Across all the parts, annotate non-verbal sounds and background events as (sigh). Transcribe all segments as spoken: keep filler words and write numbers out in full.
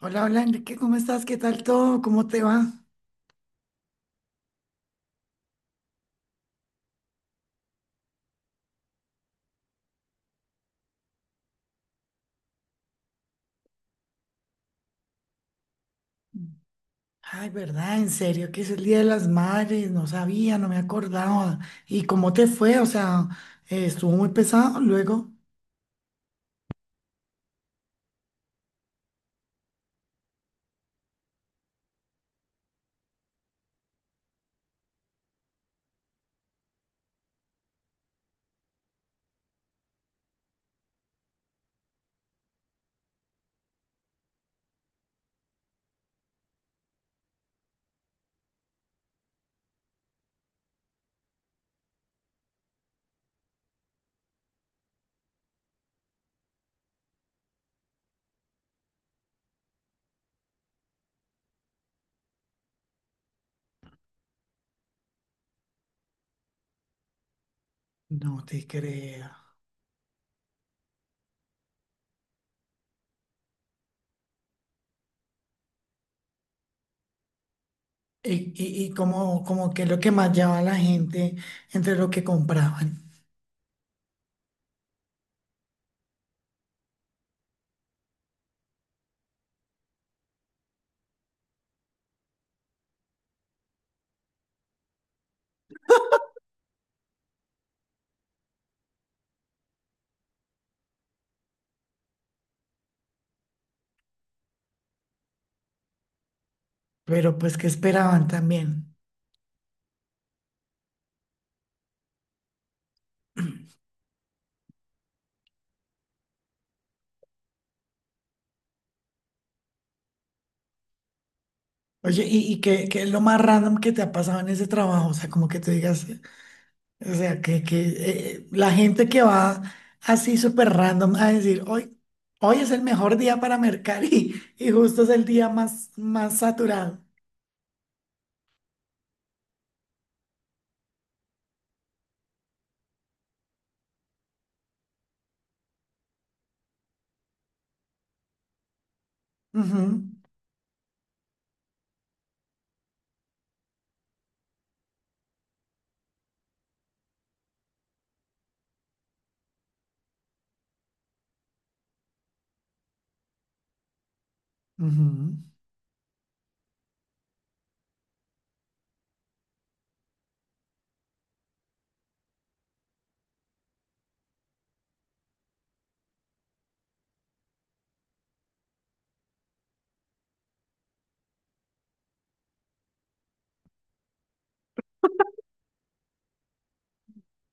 Hola, hola Enrique, ¿cómo estás? ¿Qué tal todo? ¿Cómo te va? Ay, ¿verdad? En serio, que es el Día de las Madres, no sabía, no me acordaba. ¿Y cómo te fue? O sea, eh, estuvo muy pesado luego. No te creo. ¿Y, y, y cómo, cómo qué es lo que más llevaba la gente entre lo que compraban? Pero pues, ¿qué esperaban también? Oye, ¿y, y qué, qué es lo más random que te ha pasado en ese trabajo? O sea, como que te digas, O sea, que, que eh, la gente que va así súper random a decir, hoy, hoy es el mejor día para mercar (laughs) y, y justo es el día más, más saturado. Ujú, ujú.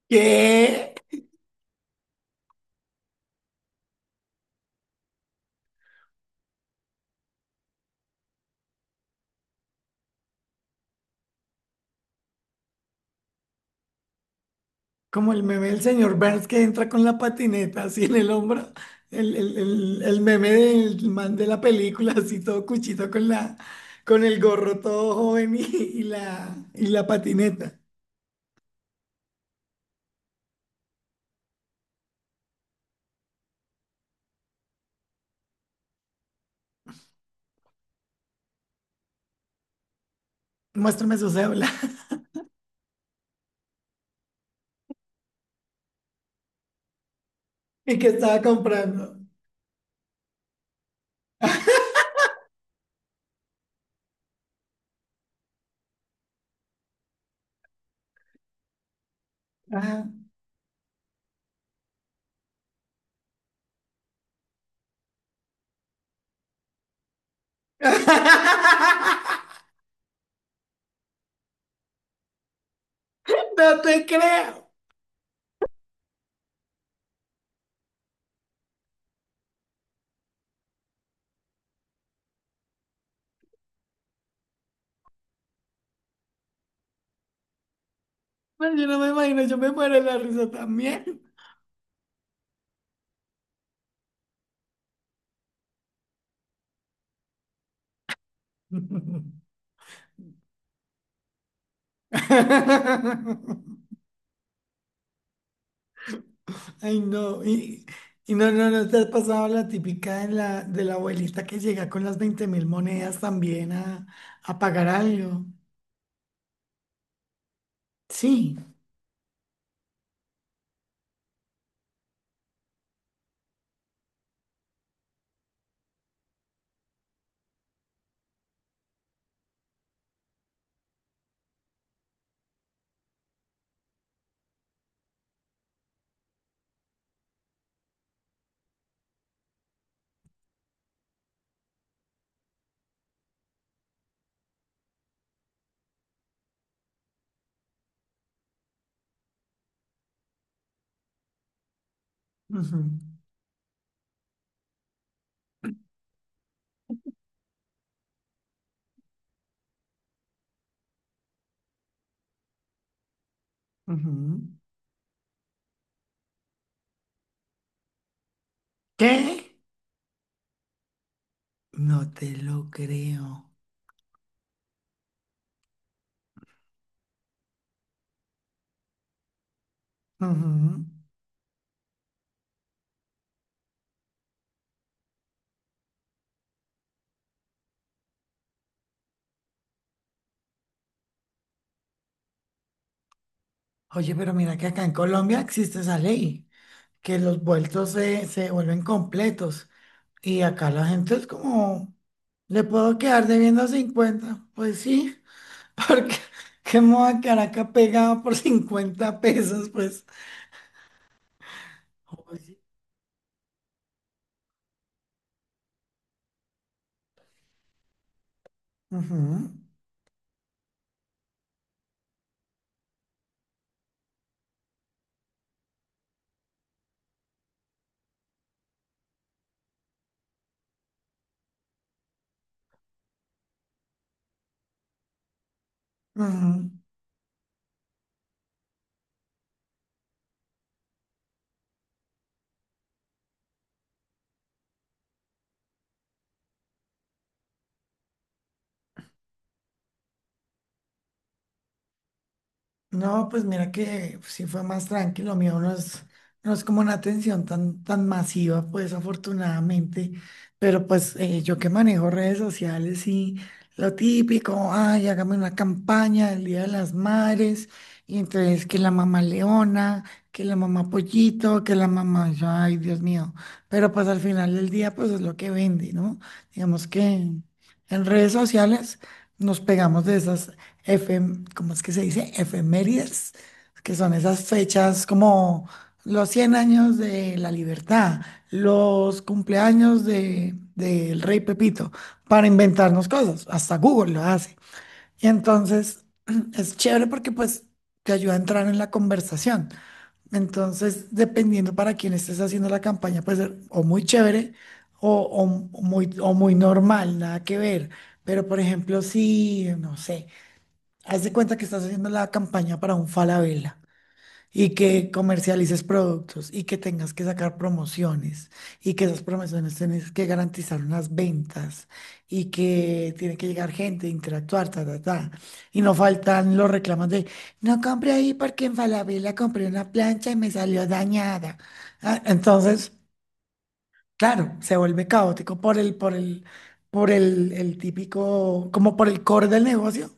¿Qué? Como el meme del señor Burns que entra con la patineta así en el hombro. El, el, el, el meme del man de la película, así todo cuchito con la, con el gorro todo joven y, y la, y la patineta. Muéstrame su cédula (laughs) y que estaba comprando. (laughs) No te creo. No, Yo no me imagino, yo me muero de la risa también. (laughs) Ay, no. Y, y no, no, no te has pasado la típica de la, de la abuelita que llega con las veinte mil monedas también a, a pagar algo. Sí. Ujú, ujú. ¿Qué? No te lo creo. Ujú. Oye, pero mira que acá en Colombia existe esa ley, que los vueltos se, se vuelven completos. Y acá la gente es como, le puedo quedar debiendo cincuenta. Pues sí, (laughs) porque ¿qué me voy a quedar acá pegado por cincuenta pesos? Pues. Oye. Ujú, ujú. No, pues mira que sí fue más tranquilo, mío no es, no es como una atención tan, tan masiva, pues afortunadamente, pero pues eh, yo que manejo redes sociales y lo típico, ay, hágame una campaña del Día de las Madres, y entonces que la mamá leona, que la mamá pollito, que la mamá, yo, ay, Dios mío, pero pues al final del día pues es lo que vende, ¿no? Digamos que en redes sociales nos pegamos de esas efem- ¿cómo es que se dice? Efemérides, que son esas fechas como los cien años de la libertad, los cumpleaños de, del rey Pepito, para inventarnos cosas. Hasta Google lo hace. Y entonces (clears throat) es chévere porque pues te ayuda a entrar en la conversación. Entonces, dependiendo para quién estés haciendo la campaña, puede ser o muy chévere o, o muy, o muy normal, nada que ver. Pero, por ejemplo, si, no sé. Haz de cuenta que estás haciendo la campaña para un Falabella y que comercialices productos y que tengas que sacar promociones y que esas promociones tienes que garantizar unas ventas y que tiene que llegar gente, interactuar, ta, ta, ta. Y no faltan los reclamos de, no compré ahí porque en Falabella compré una plancha y me salió dañada. Ah, Entonces, claro, se vuelve caótico por el, por el, por el, el típico, como por el core del negocio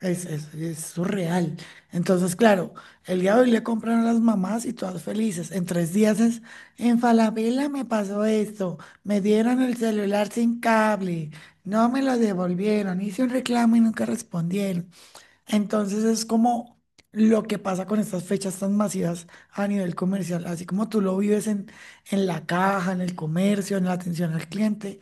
es, es, es surreal. Entonces, claro, el día de hoy le compran a las mamás y todas felices. En tres días es, en Falabella me pasó esto, me dieron el celular sin cable, no me lo devolvieron, hice un reclamo y nunca respondieron. Entonces es como lo que pasa con estas fechas tan masivas a nivel comercial, así como tú lo vives en, en la caja, en el comercio, en la atención al cliente,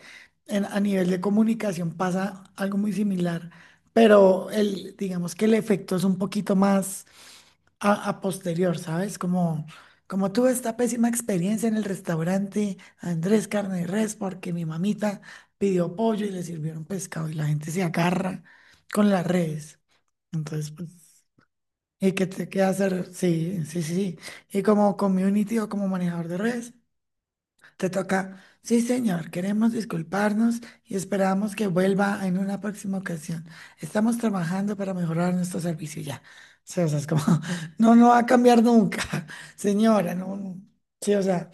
en- a nivel de comunicación pasa algo muy similar, pero el, digamos que el efecto es un poquito más a, a posterior, ¿sabes? Como, como tuve esta pésima experiencia en el restaurante Andrés Carne de Res, porque mi mamita pidió pollo y le sirvieron pescado y la gente se agarra con las redes. Entonces, pues, ¿y qué te queda hacer? Sí, sí, sí. Sí. Y como community o como manejador de redes. Te toca, sí señor, queremos disculparnos y esperamos que vuelva en una próxima ocasión. Estamos trabajando para mejorar nuestro servicio ya. Sí, o sea, es como, (laughs) no, no va a cambiar nunca, (laughs) señora, no, no. Sí, o sea,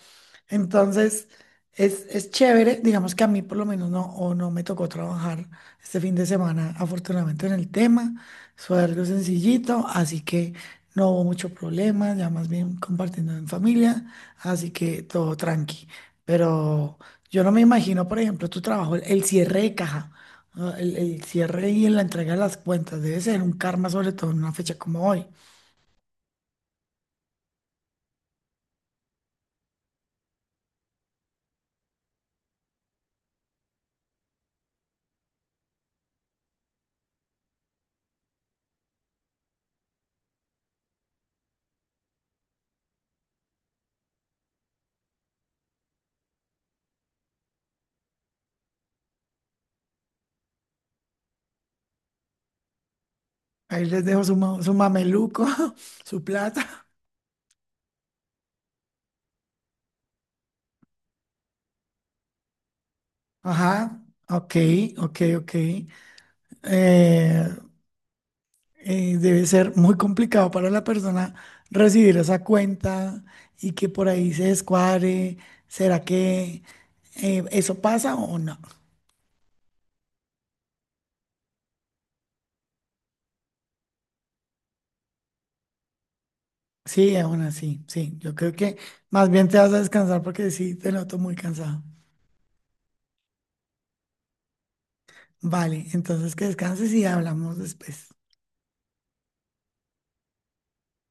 entonces es, es chévere, digamos que a mí por lo menos no, o no me tocó trabajar este fin de semana, afortunadamente en el tema, fue algo sencillito, así que no hubo mucho problema, ya más bien compartiendo en familia, así que todo tranqui. Pero yo no me imagino, por ejemplo, tu trabajo, el el cierre de caja, ¿no? el, el cierre y la entrega de las cuentas, debe ser un karma, sobre todo en una fecha como hoy. Ahí les dejo su, ma- su mameluco, (laughs) su plata. Ajá, ok, ok, ok. Eh, eh, debe ser muy complicado para la persona recibir esa cuenta y que por ahí se descuadre. ¿Será que eh, eso pasa o no? Sí, aún así, sí. Yo creo que más bien te vas a descansar porque sí, te noto muy cansado. Vale, entonces que descanses y hablamos después.